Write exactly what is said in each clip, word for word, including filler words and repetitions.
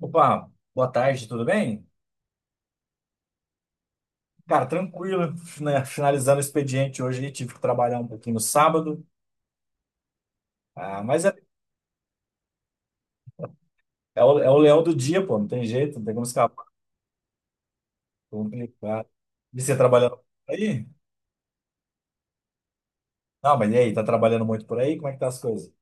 Opa, boa tarde, tudo bem? Cara, tranquilo, né? Finalizando o expediente hoje, tive que trabalhar um pouquinho no sábado, ah, mas é, é o, é o leão do dia, pô, não tem jeito, não tem como escapar, complicado. E você trabalhando por aí? Não, mas e aí, tá trabalhando muito por aí? Como é que tá as coisas?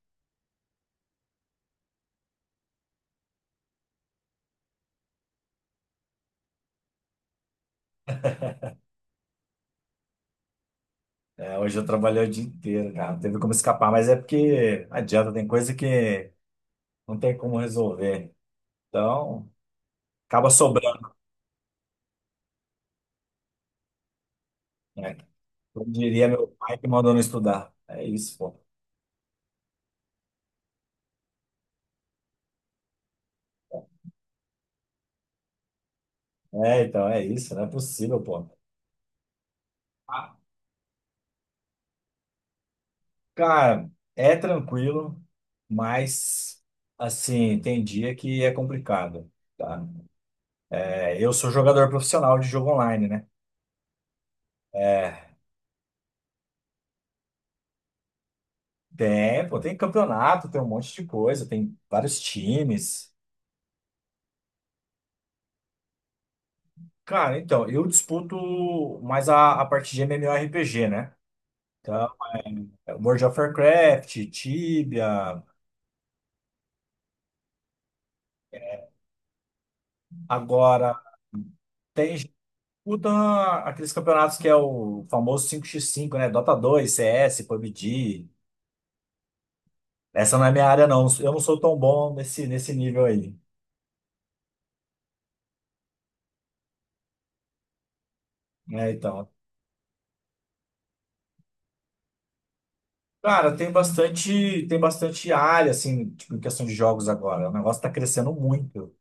É, hoje eu trabalhei o dia inteiro, cara, não teve como escapar, mas é porque não adianta, tem coisa que não tem como resolver, então acaba sobrando, né? Como diria meu pai que mandou não estudar, é isso, pô. É, então, é isso, não é possível, pô. Ah, cara, é tranquilo, mas, assim, tem dia que é complicado, tá? É, eu sou jogador profissional de jogo online, né? Tem, pô, tem campeonato, tem um monte de coisa, tem vários times. Cara, então, eu disputo mais a, a parte de MMORPG, né? Então, World of Warcraft, Tibia, agora... tem o da, aqueles campeonatos que é o famoso cinco x cinco, né? Dota dois, C S, PUBG. Essa não é minha área, não. Eu não sou tão bom nesse, nesse nível aí, né? Então, cara, tem bastante, tem bastante área, assim, tipo, em questão de jogos agora. O negócio tá crescendo muito.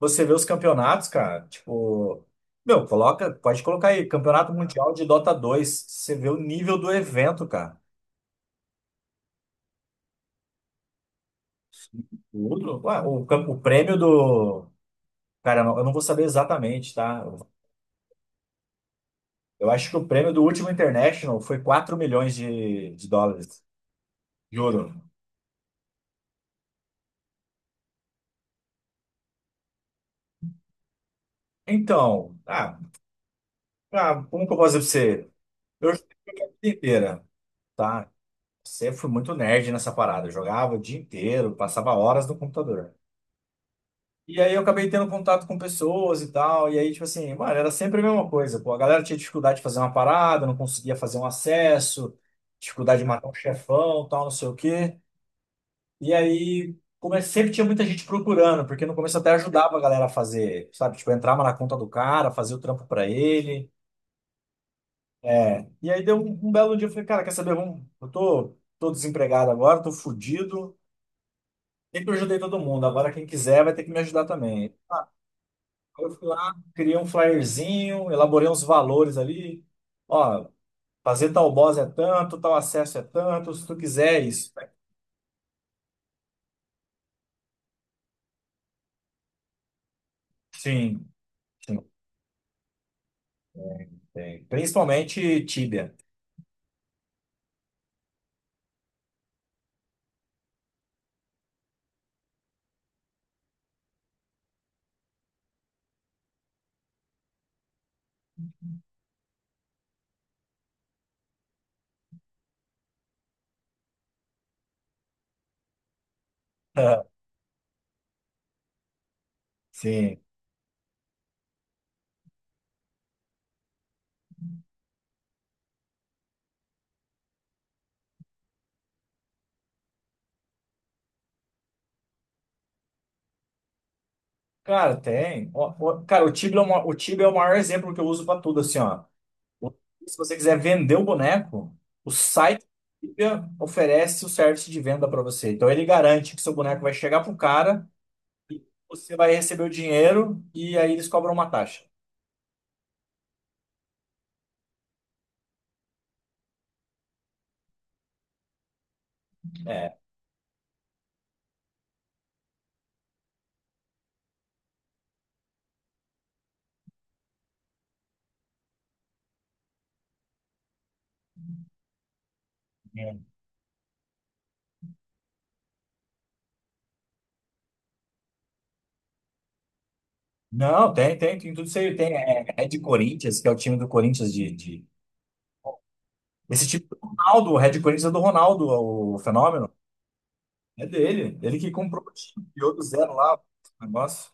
Você vê os campeonatos, cara, tipo, meu, coloca, pode colocar aí, Campeonato Mundial de Dota dois. Você vê o nível do evento, cara. O outro, ué, o, cam- o prêmio do... Cara, eu não eu não vou saber exatamente, tá? Eu acho que o prêmio do último International foi quatro milhões de, de dólares, de ouro. Então, ah, ah, como que eu posso dizer pra você? Eu joguei a vida inteira, tá? Sempre fui muito nerd nessa parada. Eu jogava o dia inteiro, passava horas no computador. E aí eu acabei tendo contato com pessoas e tal. E aí, tipo assim, mano, era sempre a mesma coisa. Pô, a galera tinha dificuldade de fazer uma parada, não conseguia fazer um acesso, dificuldade de matar um chefão, tal, não sei o quê. E aí, como é- sempre tinha muita gente procurando, porque no começo eu até ajudava a galera a fazer, sabe? Tipo, eu entrava na conta do cara, fazia o trampo pra ele. É. E aí deu um, um belo dia, eu falei, cara, quer saber? Vamos, eu tô, tô desempregado agora, tô fudido. Sempre ajudei todo mundo, agora quem quiser vai ter que me ajudar também. Aí eu fui lá, criei um flyerzinho, elaborei uns valores ali. Ó, fazer tal boss é tanto, tal acesso é tanto, se tu quiser é isso. Sim, sim, tem. Principalmente Tibia. Sim. Cara, tem. Ó, ó, cara, o Tibia é, o ma- o Tibia é o maior exemplo que eu uso pra tudo, assim, ó. O- Se você quiser vender o boneco, o site do Tibia oferece o serviço de venda pra você. Então ele garante que seu boneco vai chegar pro cara, você vai receber o dinheiro e aí eles cobram uma taxa. É. É. Não, tem, tem, tem tudo isso aí. Tem é, Red Corinthians, que é o time do Corinthians de, de... Esse time do Ronaldo, o Red Corinthians é do Ronaldo, o fenômeno. É dele. Ele que comprou o time, criou do zero lá, o negócio.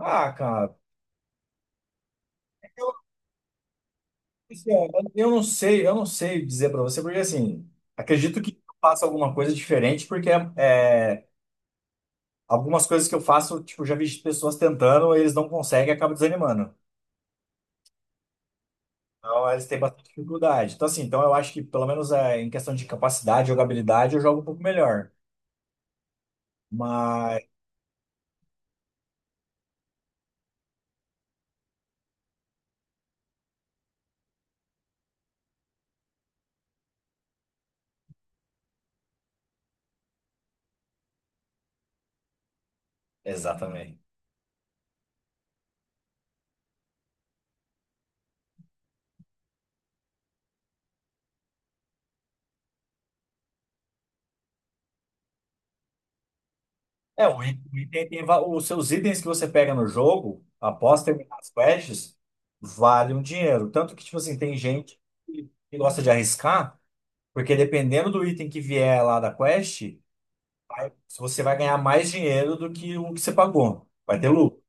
Ah, cara. Eu, Luciano, eu não sei, eu não sei dizer para você, porque assim, acredito que eu faça alguma coisa diferente, porque é, algumas coisas que eu faço, tipo, já vi pessoas tentando, eles não conseguem, e acabam desanimando. Então, eles têm bastante dificuldade. Então, assim, então eu acho que, pelo menos é, em questão de capacidade, jogabilidade, eu jogo um pouco melhor. Mas, exatamente. É, o item, o item tem, va- os seus itens que você pega no jogo, após terminar as quests, valem um dinheiro. Tanto que, tipo assim, tem gente que que gosta de arriscar. Porque dependendo do item que vier lá da quest, vai- você vai ganhar mais dinheiro do que o que você pagou. Vai ter lucro.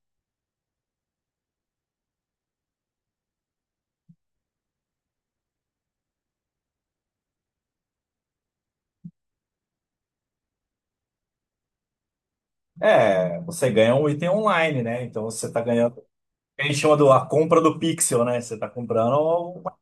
É, você ganha um item online, né? Então você tá ganhando. A gente chama do, a compra do pixel, né? Você tá comprando... uma...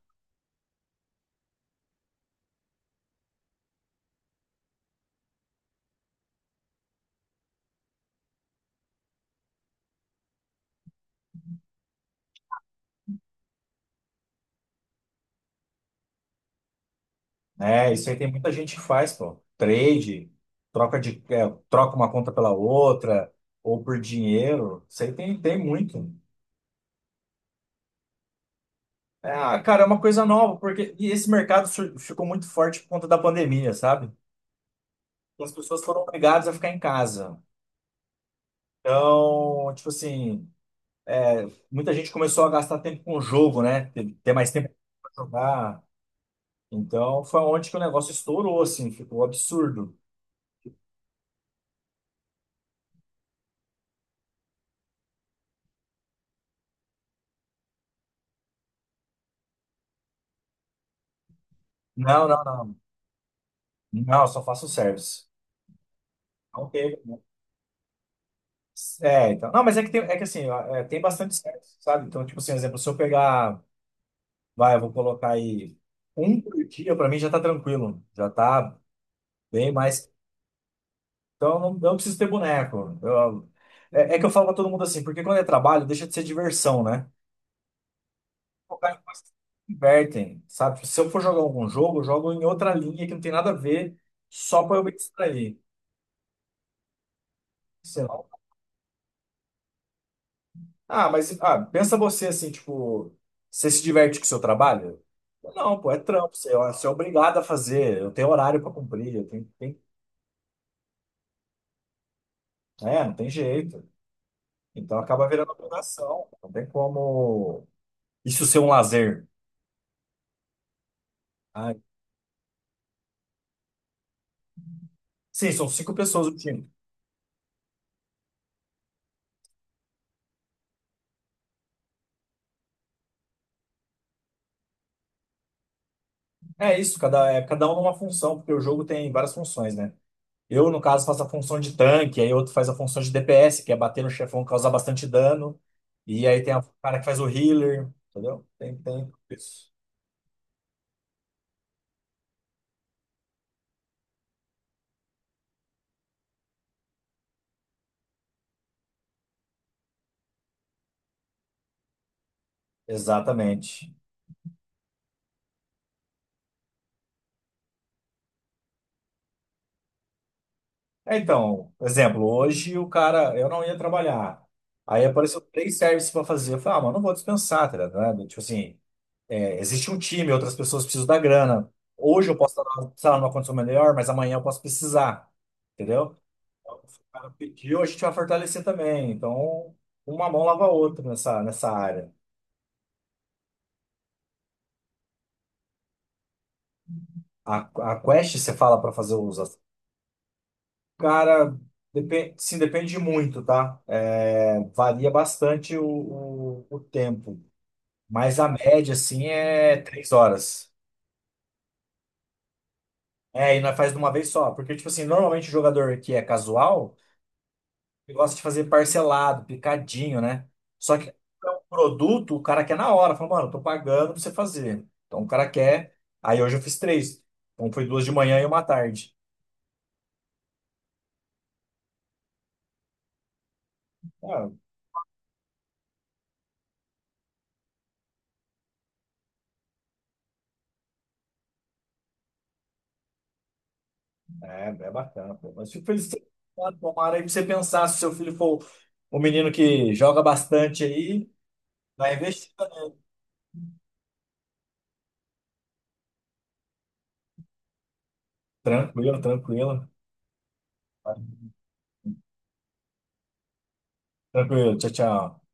É, isso aí tem muita gente que faz, pô. Trade, troca de, é, troca uma conta pela outra, ou por dinheiro. Isso aí tem, tem muito. É, ah, cara, é uma coisa nova, porque e esse mercado sur- ficou muito forte por conta da pandemia, sabe? E as pessoas foram obrigadas a ficar em casa. Então, tipo assim, é, muita gente começou a gastar tempo com o jogo, né? Ter ter mais tempo pra jogar. Então, foi onde que o negócio estourou, assim, ficou absurdo. Não, não, não. Não, eu só faço um service. Não teve. É, então. Não, mas é que tem, é que assim, ó, é, tem bastante service, sabe? Então, tipo assim, exemplo, se eu pegar, vai, eu vou colocar aí um por dia, pra mim já tá tranquilo. Já tá bem mais. Então, eu não, eu não preciso ter boneco. Eu... é, é que eu falo pra todo mundo assim, porque quando é trabalho, deixa de ser diversão, né? Divertem, sabe? Se eu for jogar algum jogo, eu jogo em outra linha que não tem nada a ver, só pra eu me distrair. Sei lá. Ah, mas ah, pensa você assim, tipo, você se diverte com o seu trabalho? Não, pô, é trampo, você, é, você é obrigado a fazer, eu tenho horário pra cumprir, eu tenho, tem, é, não tem jeito. Então acaba virando obrigação, não tem como isso ser um lazer. Ah, sim, são cinco pessoas o time. É isso, cada, é, cada um numa função, porque o jogo tem várias funções, né? Eu, no caso, faço a função de tanque, aí outro faz a função de D P S, que é bater no chefão, causar bastante dano. E aí tem a- o cara que faz o healer, entendeu? Tem, tem isso. Exatamente. É, então, por exemplo, hoje o cara, eu não ia trabalhar. Aí apareceu três serviços para fazer. Eu falei, ah, mano, não vou dispensar, tá ligado? Tipo assim, é, existe um time, outras pessoas precisam da grana. Hoje eu posso estar, sei lá, numa condição melhor, mas amanhã eu posso precisar, entendeu? Cara pediu, a gente vai fortalecer também. Então, uma mão lava a outra nessa, nessa área. A, a quest, você fala para fazer os... ass- cara, depende, sim, depende muito, tá? É, varia bastante o, o, o tempo. Mas a média, assim, é três horas. É, e nós faz de uma vez só. Porque, tipo assim, normalmente o jogador que é casual. Ele gosta de fazer parcelado, picadinho, né? Só que é um produto, o cara quer na hora. Fala, mano, eu tô pagando pra você fazer. Então o cara quer. Aí hoje eu fiz três. Então foi duas de manhã e uma à tarde. Ah, é, é bacana, pô. Mas fico feliz de ter pensado, tomara aí pra você pensar se seu filho for um menino que joga bastante aí, vai investir. Tranquilo, tranquilo. Tranquilo, tchau, tchau.